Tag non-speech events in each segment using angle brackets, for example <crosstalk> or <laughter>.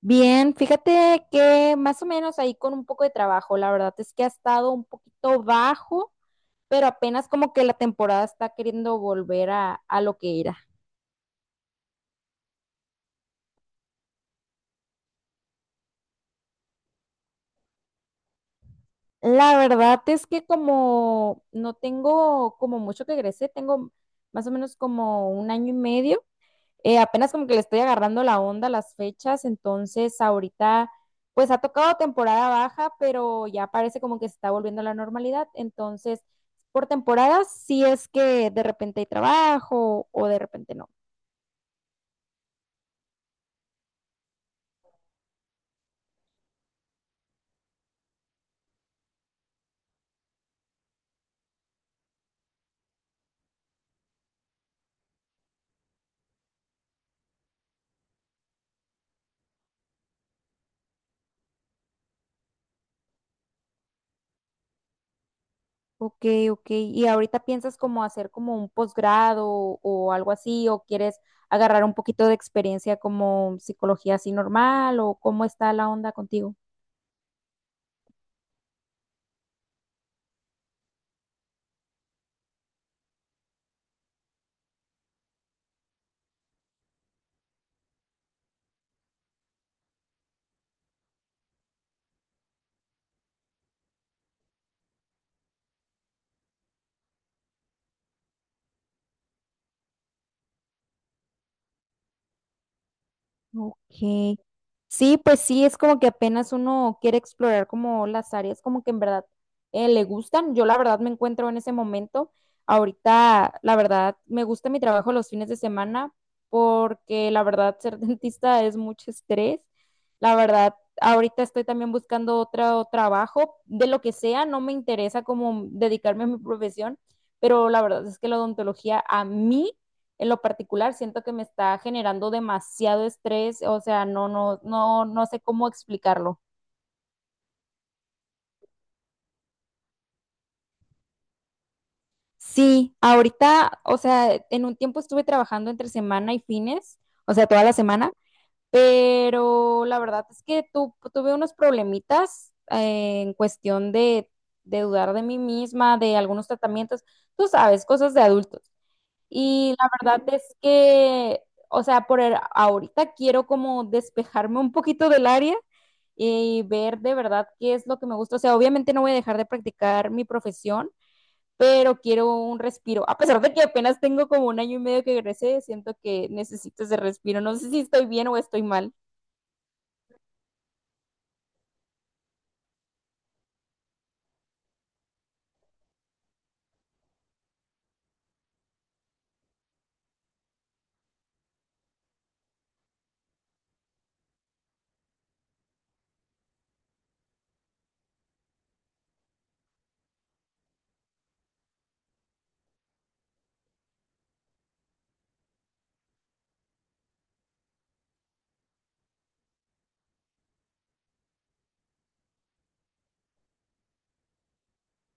Bien, fíjate que más o menos ahí con un poco de trabajo, la verdad es que ha estado un poquito bajo, pero apenas como que la temporada está queriendo volver a lo que era. La verdad es que como no tengo como mucho que egresé, tengo más o menos como un año y medio. Apenas como que le estoy agarrando la onda a las fechas, entonces ahorita pues ha tocado temporada baja, pero ya parece como que se está volviendo a la normalidad, entonces por temporadas sí es que de repente hay trabajo o de repente no. Ok, ok. ¿Y ahorita piensas como hacer como un posgrado o algo así o quieres agarrar un poquito de experiencia como psicología así normal o cómo está la onda contigo? Ok. Sí, pues sí, es como que apenas uno quiere explorar como las áreas como que en verdad le gustan. Yo la verdad me encuentro en ese momento. Ahorita, la verdad, me gusta mi trabajo los fines de semana porque la verdad ser <laughs> dentista es mucho estrés. La verdad, ahorita estoy también buscando otro trabajo de lo que sea. No me interesa como dedicarme a mi profesión, pero la verdad es que la odontología a mí en lo particular siento que me está generando demasiado estrés, o sea, no, no, no, no sé cómo explicarlo. Sí, ahorita, o sea, en un tiempo estuve trabajando entre semana y fines, o sea, toda la semana, pero la verdad es que tuve unos problemitas en cuestión de dudar de mí misma, de algunos tratamientos, tú sabes, cosas de adultos. Y la verdad, Ujú, es que, o sea, ahorita quiero como despejarme un poquito del área y ver de verdad qué es lo que me gusta. O sea, obviamente no voy a dejar de practicar mi profesión, pero quiero un respiro. A pesar de que apenas tengo como un año y medio que egresé, siento que necesito ese respiro. No sé si estoy bien o estoy mal.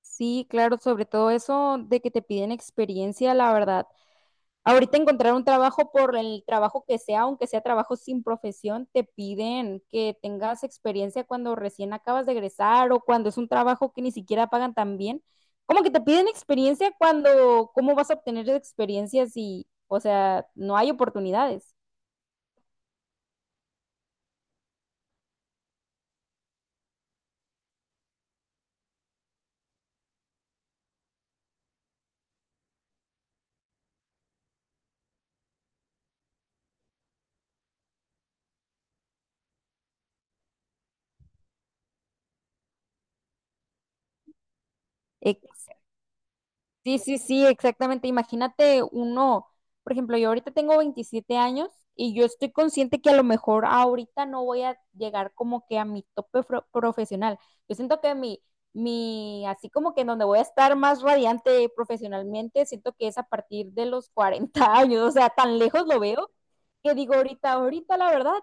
Sí, claro, sobre todo eso de que te piden experiencia, la verdad, ahorita encontrar un trabajo por el trabajo que sea, aunque sea trabajo sin profesión, te piden que tengas experiencia cuando recién acabas de egresar o cuando es un trabajo que ni siquiera pagan tan bien. Como que te piden experiencia cuando, ¿cómo vas a obtener experiencias si, o sea, no hay oportunidades? Ex- Sí, sí, sí, exactamente. Imagínate uno, por ejemplo, yo ahorita tengo 27 años y yo estoy consciente que a lo mejor ahorita no voy a llegar como que a mi tope profesional. Yo siento que mi, así como que en donde voy a estar más radiante profesionalmente, siento que es a partir de los 40 <laughs> años, o sea, tan lejos lo veo que digo ahorita la verdad,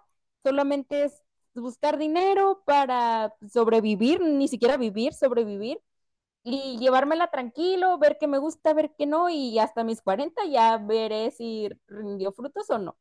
solamente es buscar dinero para sobrevivir, ni siquiera vivir, sobrevivir y llevármela tranquilo, ver qué me gusta, ver qué no, y hasta mis 40 ya veré si rindió frutos o no.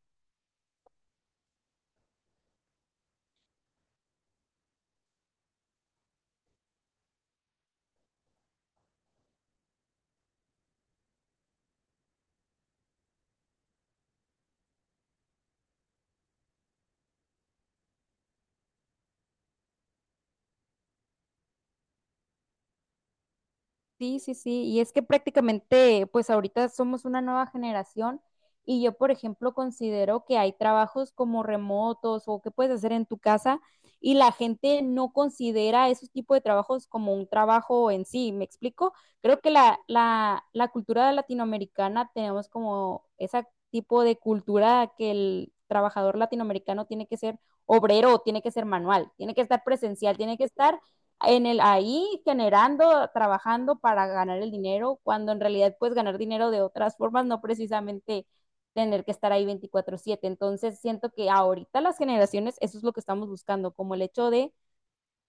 Sí, sí, sí, y es que prácticamente, pues ahorita somos una nueva generación y yo, por ejemplo, considero que hay trabajos como remotos o que puedes hacer en tu casa y la gente no considera esos tipos de trabajos como un trabajo en sí, ¿me explico? Creo que la cultura latinoamericana tenemos como ese tipo de cultura que el trabajador latinoamericano tiene que ser obrero, tiene que ser manual, tiene que estar presencial, tiene que estar en el ahí generando, trabajando para ganar el dinero, cuando en realidad puedes ganar dinero de otras formas, no precisamente tener que estar ahí 24/7. Entonces, siento que ahorita las generaciones, eso es lo que estamos buscando, como el hecho de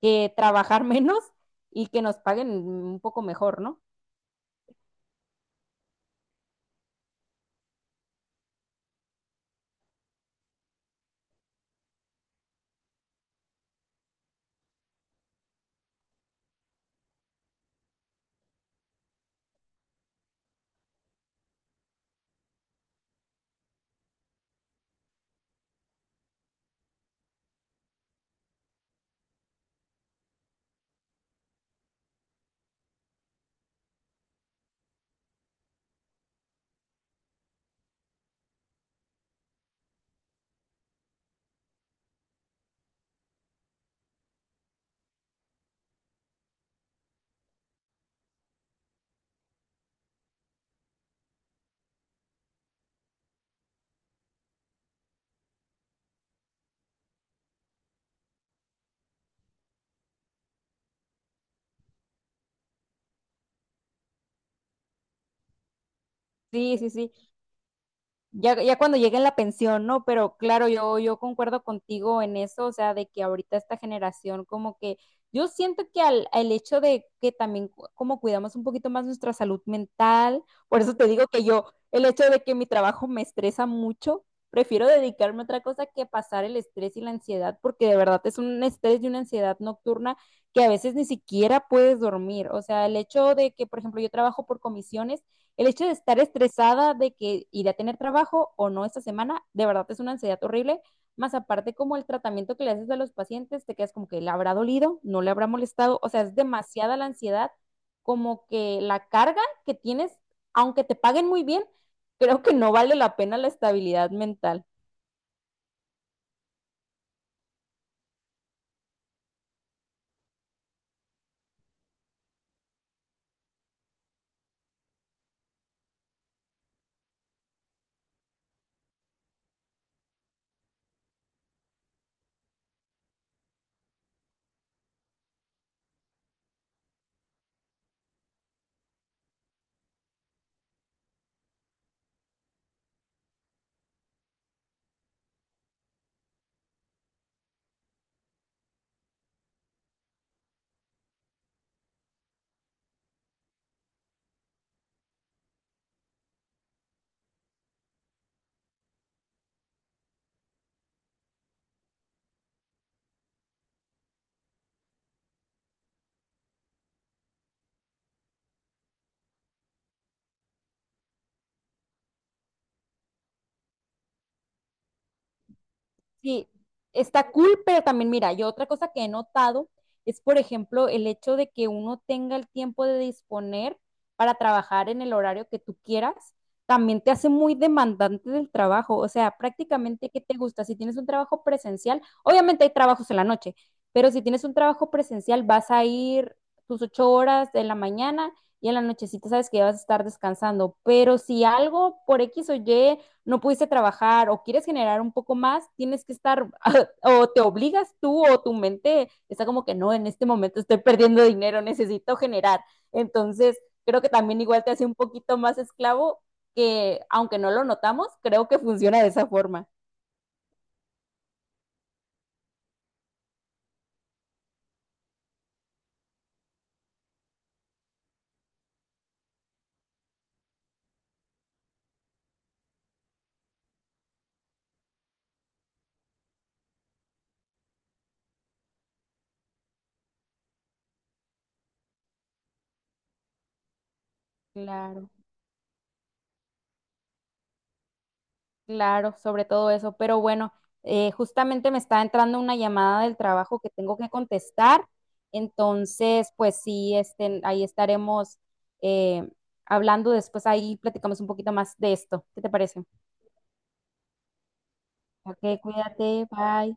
que trabajar <laughs> menos y que nos paguen un poco mejor, ¿no? Sí, sí, sí. Ya, ya cuando llegue la pensión, ¿no? Pero claro, yo concuerdo contigo en eso, o sea, de que ahorita esta generación como que yo siento que al hecho de que también como cuidamos un poquito más nuestra salud mental, por eso te digo que yo, el hecho de que mi trabajo me estresa mucho, prefiero dedicarme a otra cosa que pasar el estrés y la ansiedad, porque de verdad es un estrés y una ansiedad nocturna que a veces ni siquiera puedes dormir, o sea, el hecho de que, por ejemplo, yo trabajo por comisiones, el hecho de estar estresada de que iré a tener trabajo o no esta semana, de verdad es una ansiedad horrible. Más aparte, como el tratamiento que le haces a los pacientes, te quedas como que le habrá dolido, no le habrá molestado. O sea, es demasiada la ansiedad, como que la carga que tienes, aunque te paguen muy bien, creo que no vale la pena la estabilidad mental. Sí, está cool, pero también mira, yo otra cosa que he notado es, por ejemplo, el hecho de que uno tenga el tiempo de disponer para trabajar en el horario que tú quieras, también te hace muy demandante del trabajo. O sea, prácticamente, ¿qué te gusta? Si tienes un trabajo presencial, obviamente hay trabajos en la noche, pero si tienes un trabajo presencial, vas a ir tus 8 horas de la mañana y en la nochecita sabes que ya vas a estar descansando. Pero si algo por X o Y no pudiste trabajar o quieres generar un poco más, tienes que estar <laughs> o te obligas tú o tu mente está como que no, en este momento estoy perdiendo dinero, necesito generar. Entonces, creo que también igual te hace un poquito más esclavo que aunque no lo notamos, creo que funciona de esa forma. Claro. Claro, sobre todo eso. Pero bueno, justamente me está entrando una llamada del trabajo que tengo que contestar. Entonces, pues sí, este, ahí estaremos eh, hablando después. Ahí platicamos un poquito más de esto. ¿Qué te parece? Ok, cuídate, bye.